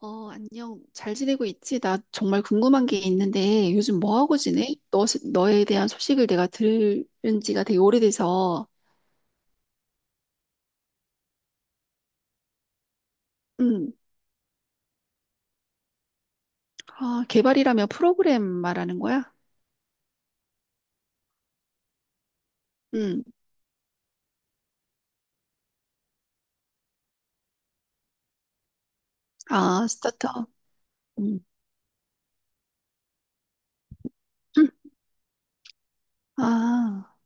안녕. 잘 지내고 있지? 나 정말 궁금한 게 있는데, 요즘 뭐 하고 지내? 너에 대한 소식을 내가 들은 지가 되게 오래돼서. 음, 아, 개발이라면 프로그램 말하는 거야? 음, 아, 스타트업. 음, 음, 아,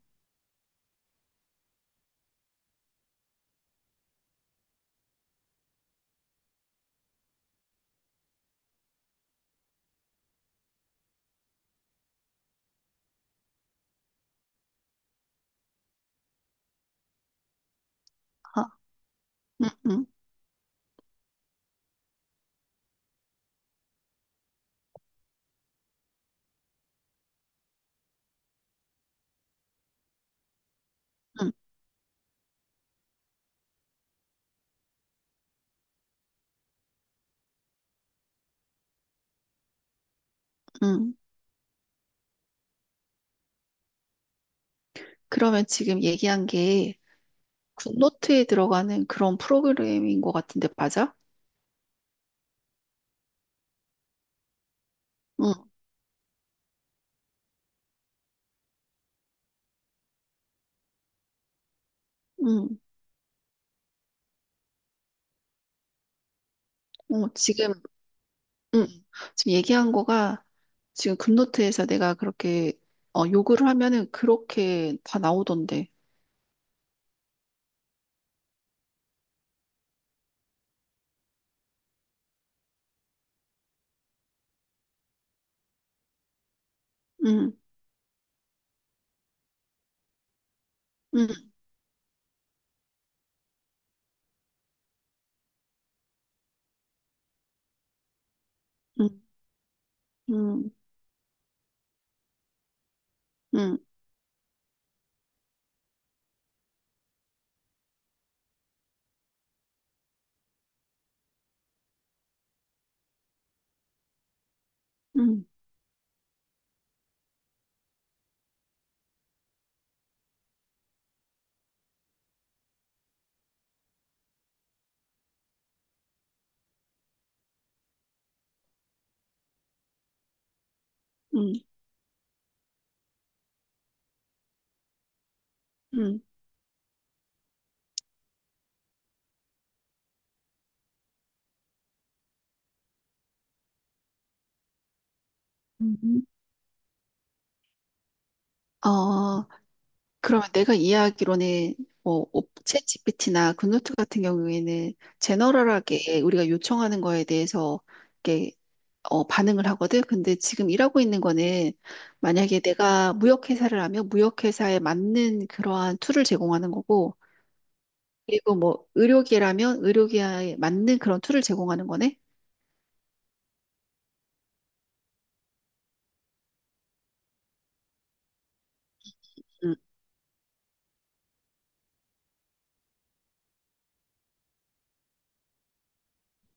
아, 음, 음, 음, 음. 그러면 지금 얘기한 게 굿노트에 들어가는 그런 프로그램인 것 같은데, 맞아? 응, 응. 지금 응. 지금 얘기한 거가 지금 급노트에서 내가 그렇게 요구를 하면은 그렇게 다 나오던데. 응, 응, 응, 응, 응, 응, 응, 응. 음. 어, 그러면 내가 이해하기로는 뭐 챗GPT나 굿노트 같은 경우에는 제너럴하게 우리가 요청하는 거에 대해서 이렇게 반응을 하거든. 근데 지금 일하고 있는 거는 만약에 내가 무역회사를 하면 무역회사에 맞는 그러한 툴을 제공하는 거고 그리고 뭐 의료계라면 의료계에 맞는 그런 툴을 제공하는 거네. 음,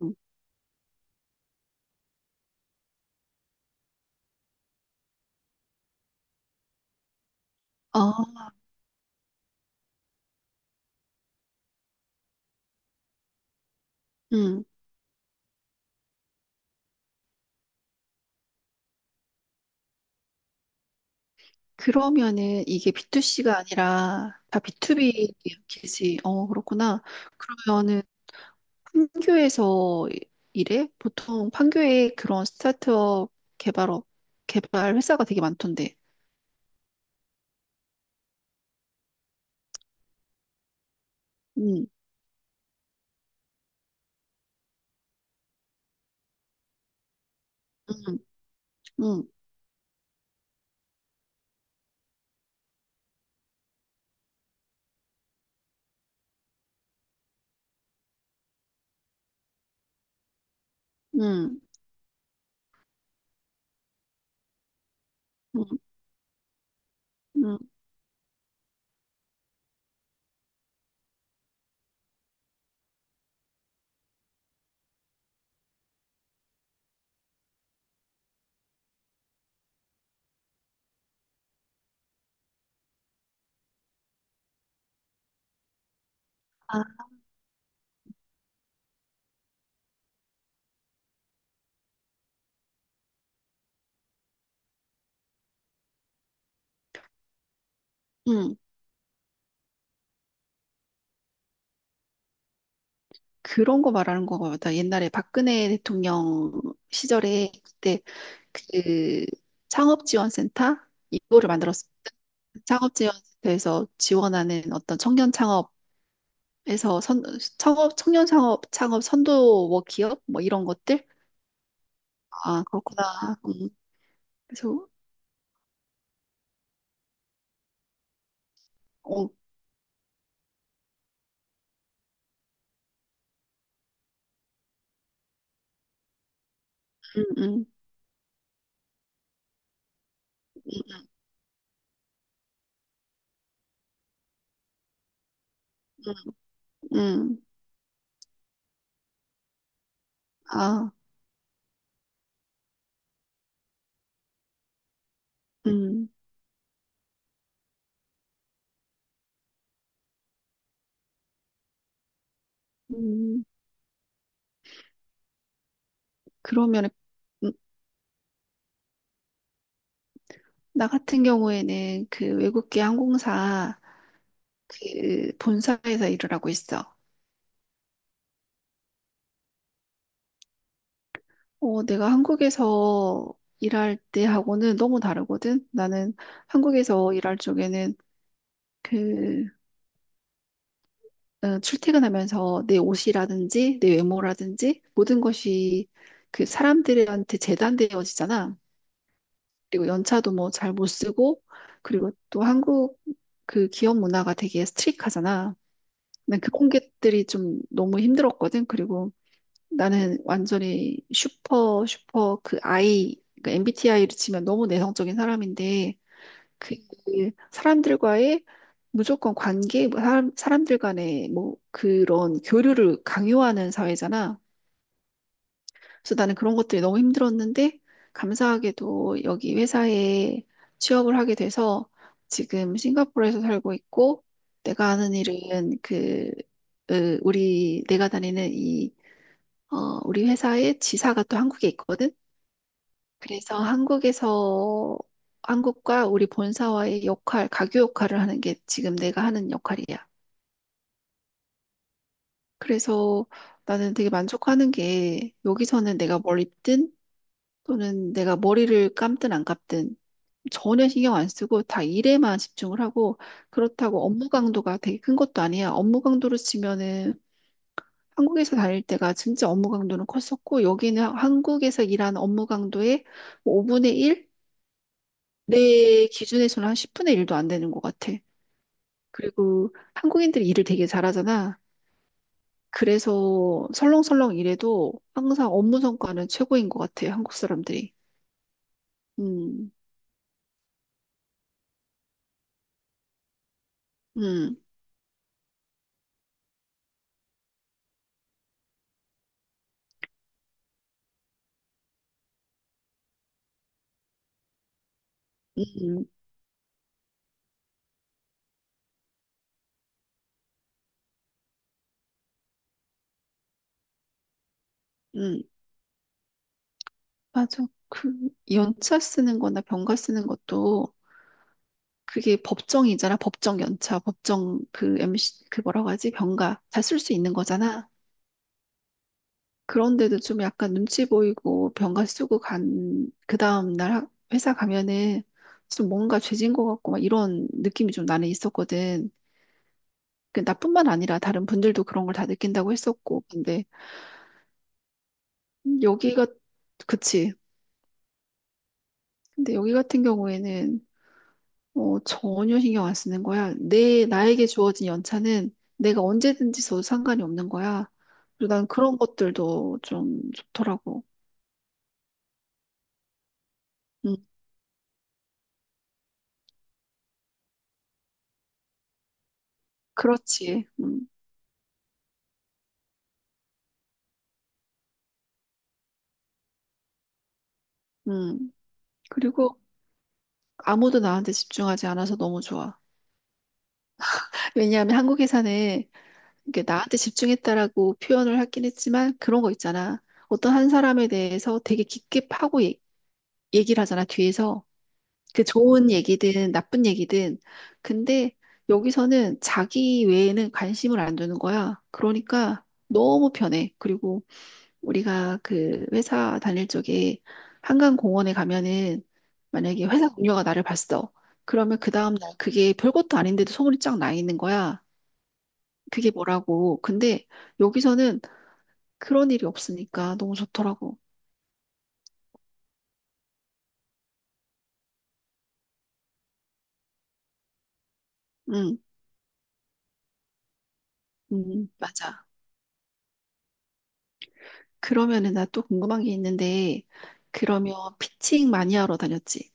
음. 아, 음. 그러면은 이게 B2C가 아니라 다 B2B겠지. 어, 그렇구나. 그러면은 판교에서 일해? 보통 판교에 그런 스타트업 개발업 개발 회사가 되게 많던데. 음, 음, 음, 음, 음, 음. 아, 음. 그런 거 말하는 거같다. 옛날에 박근혜 대통령 시절에 그때 그 창업지원센터 이거를 만들었습니다. 창업지원센터에서 지원하는 어떤 청년 창업에서 선, 창업, 청년 창업, 창업 선도 뭐 기업 뭐 이런 것들? 아, 그렇구나. 그래서, 어, 음, 음, 음, 음, 음, 음. 아, 음, 음. 그러면 나 같은 경우에는 그 외국계 항공사 그 본사에서 일을 하고 있어. 내가 한국에서 일할 때하고는 너무 다르거든. 나는 한국에서 일할 쪽에는 그 출퇴근하면서 내 옷이라든지 내 외모라든지 모든 것이 그 사람들한테 재단되어지잖아. 그리고 연차도 뭐 잘 못 쓰고 그리고 또 한국 그 기업 문화가 되게 스트릭하잖아. 난 그런 것들이 좀 너무 힘들었거든. 그리고 나는 완전히 슈퍼, 슈퍼 그 MBTI를 치면 너무 내성적인 사람인데, 그 사람들과의 무조건 관계, 뭐 사람들 간의 뭐 그런 교류를 강요하는 사회잖아. 그래서 나는 그런 것들이 너무 힘들었는데, 감사하게도 여기 회사에 취업을 하게 돼서 지금 싱가포르에서 살고 있고, 내가 하는 일은 그, 우리, 내가 다니는 이 우리 회사의 지사가 또 한국에 있거든. 그래서 한국에서 한국과 우리 본사와의 역할, 가교 역할을 하는 게 지금 내가 하는 역할이야. 그래서 나는 되게 만족하는 게 여기서는 내가 뭘 입든 또는 내가 머리를 감든 안 감든 전혀 신경 안 쓰고 다 일에만 집중을 하고 그렇다고 업무 강도가 되게 큰 것도 아니야. 업무 강도로 치면은 한국에서 다닐 때가 진짜 업무 강도는 컸었고, 여기는 한국에서 일하는 업무 강도의 뭐 5분의 1? 내 기준에서는 한 10분의 1도 안 되는 것 같아. 그리고 한국인들이 일을 되게 잘하잖아. 그래서 설렁설렁 일해도 항상 업무 성과는 최고인 것 같아, 한국 사람들이. 음, 음, 음, 음. 음. 맞아. 그, 연차 쓰는 거나 병가 쓰는 것도 그게 법정이잖아. 법정 연차, 법정 그 MC, 그 뭐라고 하지? 병가. 다 쓸 수 있는 거잖아. 그런데도 좀 약간 눈치 보이고 병가 쓰고 간, 그 다음날 회사 가면은 좀 뭔가 죄진 것 같고 막 이런 느낌이 좀 나는 있었거든. 그 나뿐만 아니라 다른 분들도 그런 걸 다 느낀다고 했었고. 근데 여기가, 그치. 근데 여기 같은 경우에는 전혀 신경 안 쓰는 거야. 나에게 주어진 연차는 내가 언제든지 써도 상관이 없는 거야. 그리고 난 그런 것들도 좀 좋더라고. 음, 그렇지. 음. 그리고 아무도 나한테 집중하지 않아서 너무 좋아. 왜냐하면 한국에서는 이게 나한테 집중했다라고 표현을 하긴 했지만 그런 거 있잖아. 어떤 한 사람에 대해서 되게 깊게 파고 얘기를 하잖아, 뒤에서. 그 좋은 얘기든 나쁜 얘기든. 근데 여기서는 자기 외에는 관심을 안 두는 거야. 그러니까 너무 편해. 그리고 우리가 그 회사 다닐 쪽에 한강공원에 가면은 만약에 회사 동료가 나를 봤어. 그러면 그 다음날 그게 별것도 아닌데도 소문이 쫙 나 있는 거야. 그게 뭐라고. 근데 여기서는 그런 일이 없으니까 너무 좋더라고. 응, 응, 맞아. 그러면은 나 또 궁금한 게 있는데, 그러면 피칭 많이 하러 다녔지.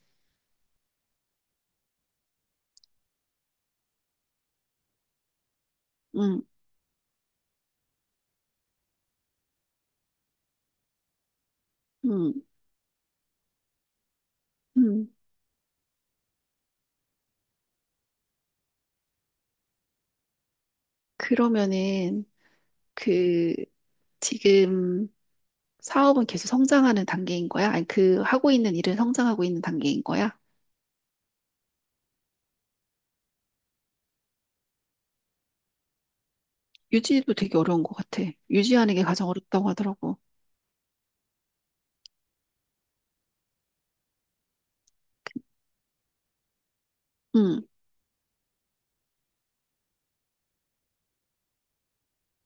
응, 응, 응. 그러면은 그 지금 사업은 계속 성장하는 단계인 거야? 아니, 그 하고 있는 일은 성장하고 있는 단계인 거야? 유지도 되게 어려운 것 같아. 유지하는 게 가장 어렵다고 하더라고. 응,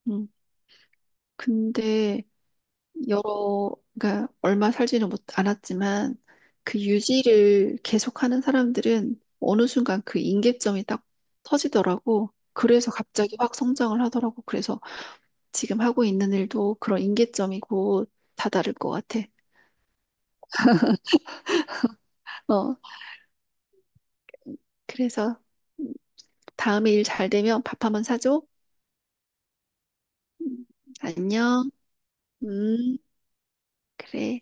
응. 근데 그러니까 얼마 살지는 못 않았지만 그 유지를 계속하는 사람들은 어느 순간 그 임계점이 딱 터지더라고. 그래서 갑자기 확 성장을 하더라고. 그래서 지금 하고 있는 일도 그런 임계점이고 다다를 것 같아. 어, 그래서 다음에 일 잘 되면 밥 한번 사줘. 음, 안녕. 음, 그래.